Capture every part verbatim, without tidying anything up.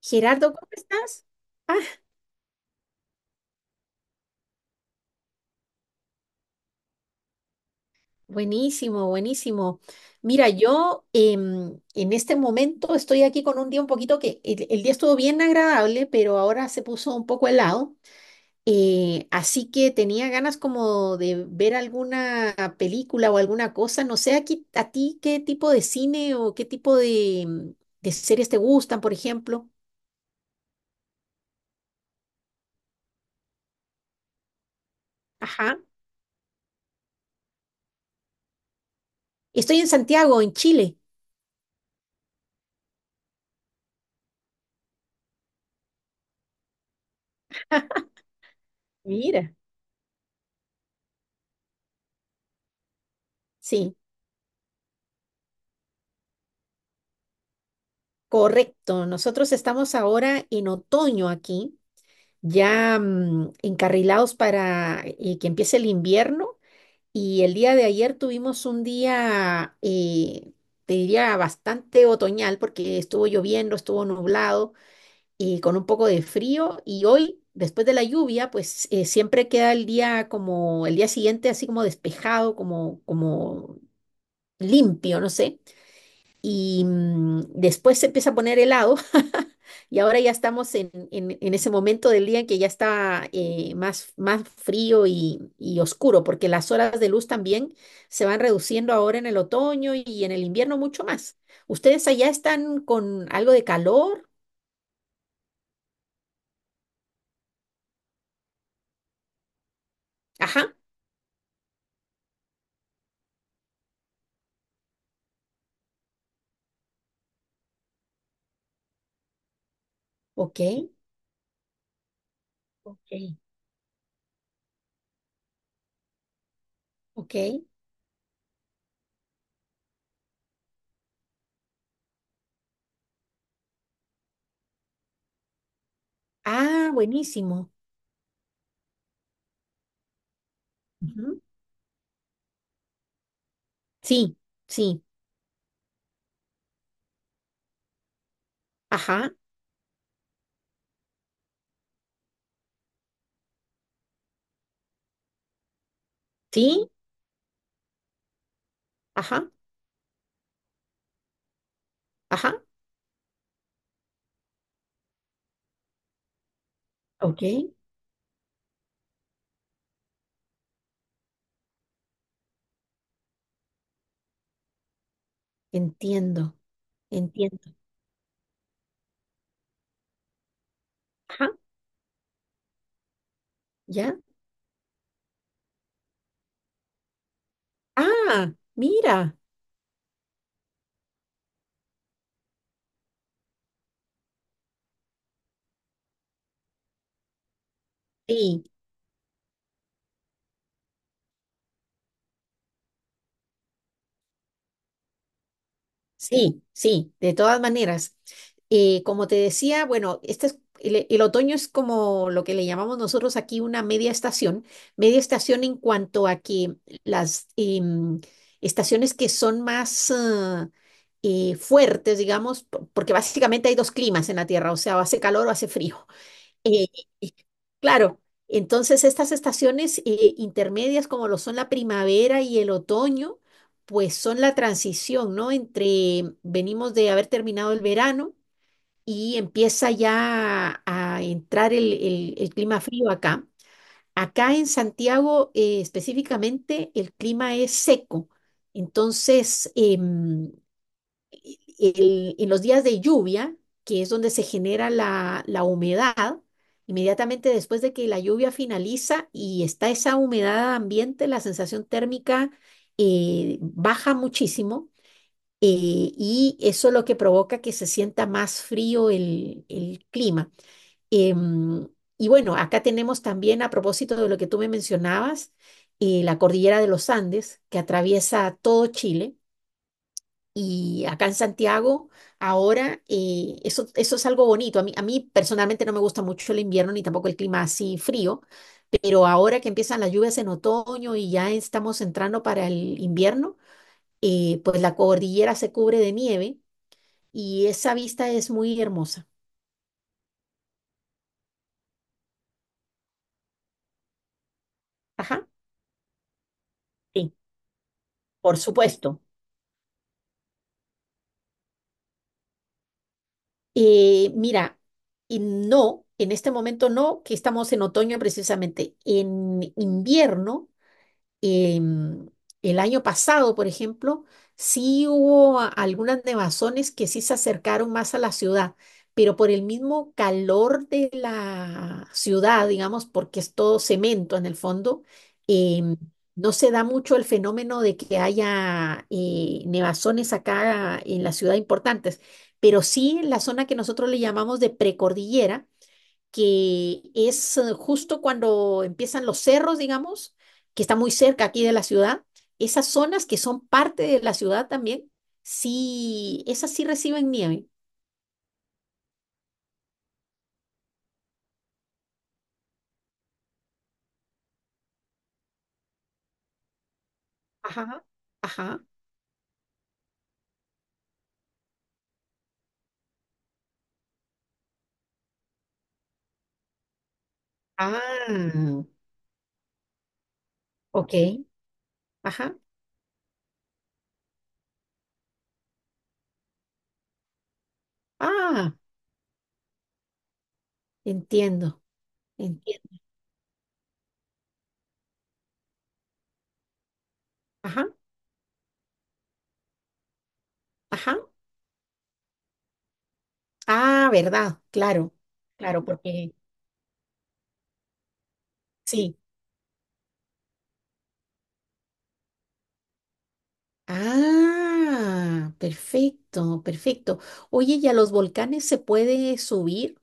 Gerardo, ¿cómo estás? Ah, buenísimo, buenísimo. Mira, yo em, en este momento estoy aquí con un día un poquito que el, el día estuvo bien agradable, pero ahora se puso un poco helado. Eh, así que tenía ganas como de ver alguna película o alguna cosa. No sé, aquí, a ti qué tipo de cine o qué tipo de, em, de series te gustan, por ejemplo. Ajá. Estoy en Santiago, en Chile. Mira. Sí. Correcto, nosotros estamos ahora en otoño aquí, ya mm, encarrilados para eh, que empiece el invierno y el día de ayer tuvimos un día, eh, te diría, bastante otoñal porque estuvo lloviendo, estuvo nublado y con un poco de frío y hoy, después de la lluvia, pues eh, siempre queda el día como el día siguiente así como despejado, como, como limpio, no sé. Y mm, después se empieza a poner helado y ahora ya estamos en, en- en ese momento del día en que ya está eh, más, más frío y, y oscuro, porque las horas de luz también se van reduciendo ahora en el otoño y en el invierno mucho más. ¿Ustedes allá están con algo de calor? Ajá, ok, ok, ok. Ah, buenísimo. Ujú. Sí, sí, ajá, sí, ajá, ajá, ok. Entiendo, entiendo. Ajá, ya. Ah, mira. Sí. Sí, sí, de todas maneras. Eh, como te decía, bueno, este es- el, el otoño es como lo que le llamamos nosotros aquí una media estación. Media estación en cuanto a que las em, estaciones que son más ah, eh, fuertes, digamos, po- porque básicamente hay dos climas en la Tierra, o sea, o hace calor o hace frío. Eh, eh, claro, entonces estas estaciones eh, intermedias como lo son la primavera y el otoño, pues son la transición, ¿no? Entre venimos de haber terminado el verano y empieza ya a entrar el, el- el clima frío acá. Acá en Santiago eh, específicamente el clima es seco, entonces em, el- en los días de lluvia, que es donde se genera la, la humedad, inmediatamente después de que la lluvia finaliza y está esa humedad ambiente, la sensación térmica eh, baja muchísimo eh, y eso es lo que provoca que se sienta más frío el, el clima. Em, y bueno, acá tenemos también, a propósito de lo que tú me mencionabas, eh, la cordillera de los Andes, que atraviesa todo Chile y acá en Santiago, ahora, eh, eso, eso es algo bonito. A mí, a mí personalmente no me gusta mucho el invierno ni tampoco el clima así frío, pero ahora que empiezan las lluvias en otoño y ya estamos entrando para el invierno, eh, pues la cordillera se cubre de nieve y esa vista es muy hermosa. Ajá, sí, por supuesto. Eh, mira, y no, en este momento no, que estamos en otoño precisamente. En invierno. em, el año pasado, por ejemplo, sí hubo a- algunas nevazones que sí se acercaron más a la ciudad, pero por el mismo calor de la ciudad, digamos, porque es todo cemento en el fondo, em, no se da mucho el fenómeno de que haya eh, nevazones acá en la ciudad importantes, pero sí en la zona que nosotros le llamamos de precordillera que es eh, justo cuando empiezan los cerros, digamos, que está muy cerca aquí de la ciudad, esas zonas que son parte de la ciudad también, sí, esas sí reciben nieve. Ajá, ajá. Ah, ok. Ajá. Ah, entiendo, entiendo. Ajá, ajá. Ah, verdad, claro, claro, porque sí. Ah, perfecto, perfecto. Oye, ¿y a los volcanes se puede subir?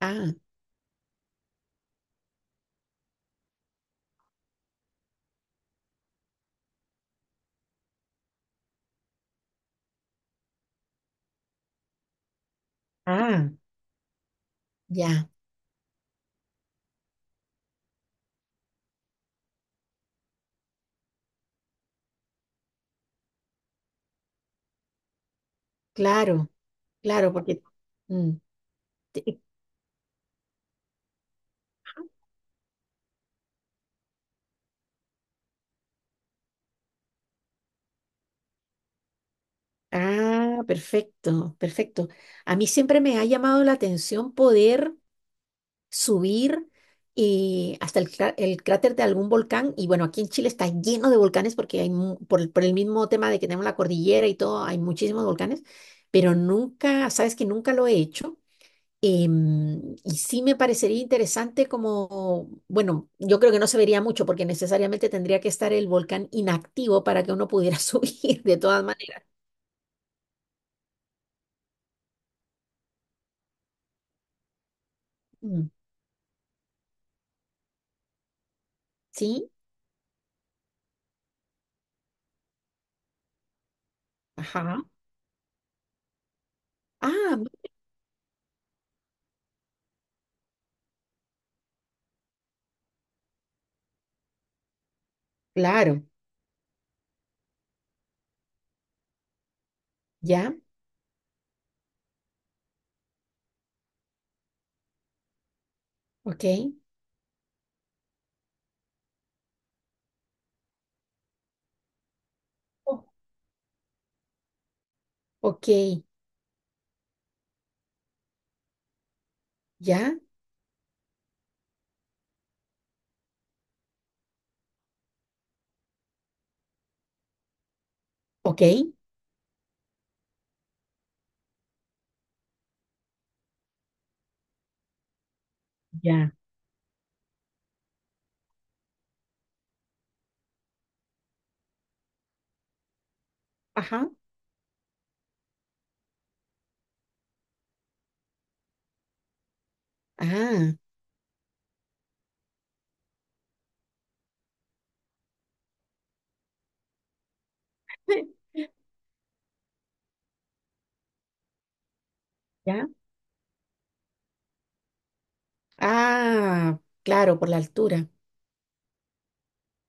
Ah, ah, ya, claro, claro, porque... mm, te- ah, perfecto, perfecto. A mí siempre me ha llamado la atención poder subir y hasta el, cra- el cráter de algún volcán. Y bueno, aquí en Chile está lleno de volcanes porque hay, mu- por, el- por el mismo tema de que tenemos la cordillera y todo, hay muchísimos volcanes, pero nunca, sabes que nunca lo he hecho. Em, y sí me parecería interesante como, bueno, yo creo que no se vería mucho porque necesariamente tendría que estar el volcán inactivo para que uno pudiera subir de todas maneras. Mm, ¿sí? Ajá. Ah, mi- claro. Ya. Ok. Oh, ok. Ya. Ok. Ya. Ajá. Ah. Ya. Ah, claro, por la altura.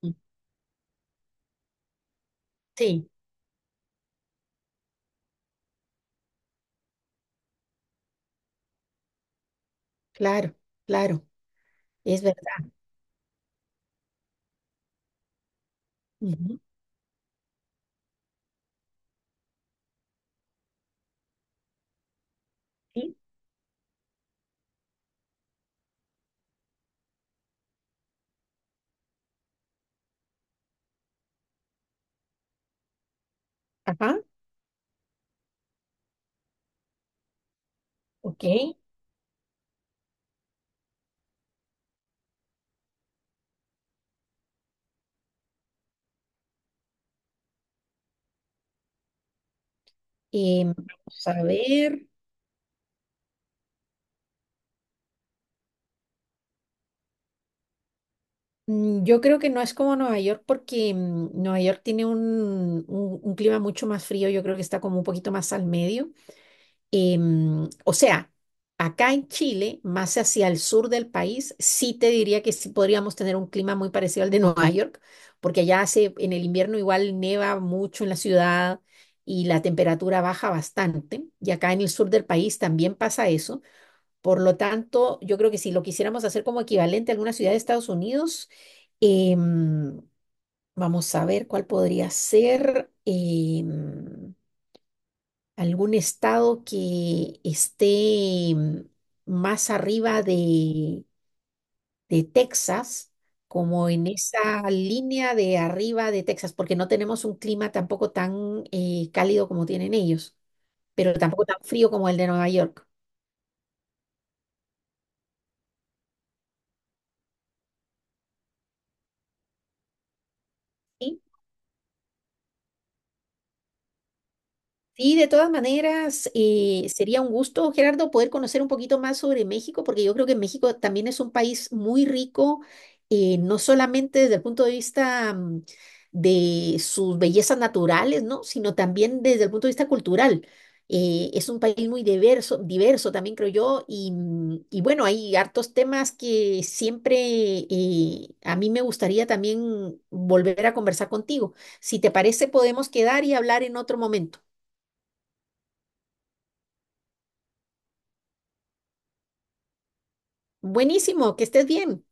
Mm, sí, claro, claro. Es verdad. Ujú, sí. Ajá. Ok. Eh, vamos a ver, mm, yo creo que no es como Nueva York porque mm, Nueva York tiene un, un- un clima mucho más frío, yo creo que está como un poquito más al medio. Eh, mm, o sea, acá en Chile, más hacia el sur del país, sí te diría que sí podríamos tener un clima muy parecido al de Nueva York, porque allá hace, en el invierno igual neva mucho en la ciudad y la temperatura baja bastante, y acá en el sur del país también pasa eso. Por lo tanto, yo creo que si lo quisiéramos hacer como equivalente a alguna ciudad de Estados Unidos, em, vamos a ver cuál podría ser em, algún estado que esté em, más arriba de, de Texas, como en esa línea de arriba de Texas, porque no tenemos un clima tampoco tan eh, cálido como tienen ellos, pero tampoco tan frío como el de Nueva York. ¿Sí? Sí, de todas maneras, eh, sería un gusto, Gerardo, poder conocer un poquito más sobre México, porque yo creo que México también es un país muy rico, eh, no solamente desde el punto de vista mm, de sus bellezas naturales, ¿no? Sino también desde el punto de vista cultural. Eh, es un país muy diverso, diverso también creo yo, y, mm, y bueno, hay hartos temas que siempre eh, a mí me gustaría también volver a conversar contigo. Si te parece, podemos quedar y hablar en otro momento. Buenísimo, que estés bien.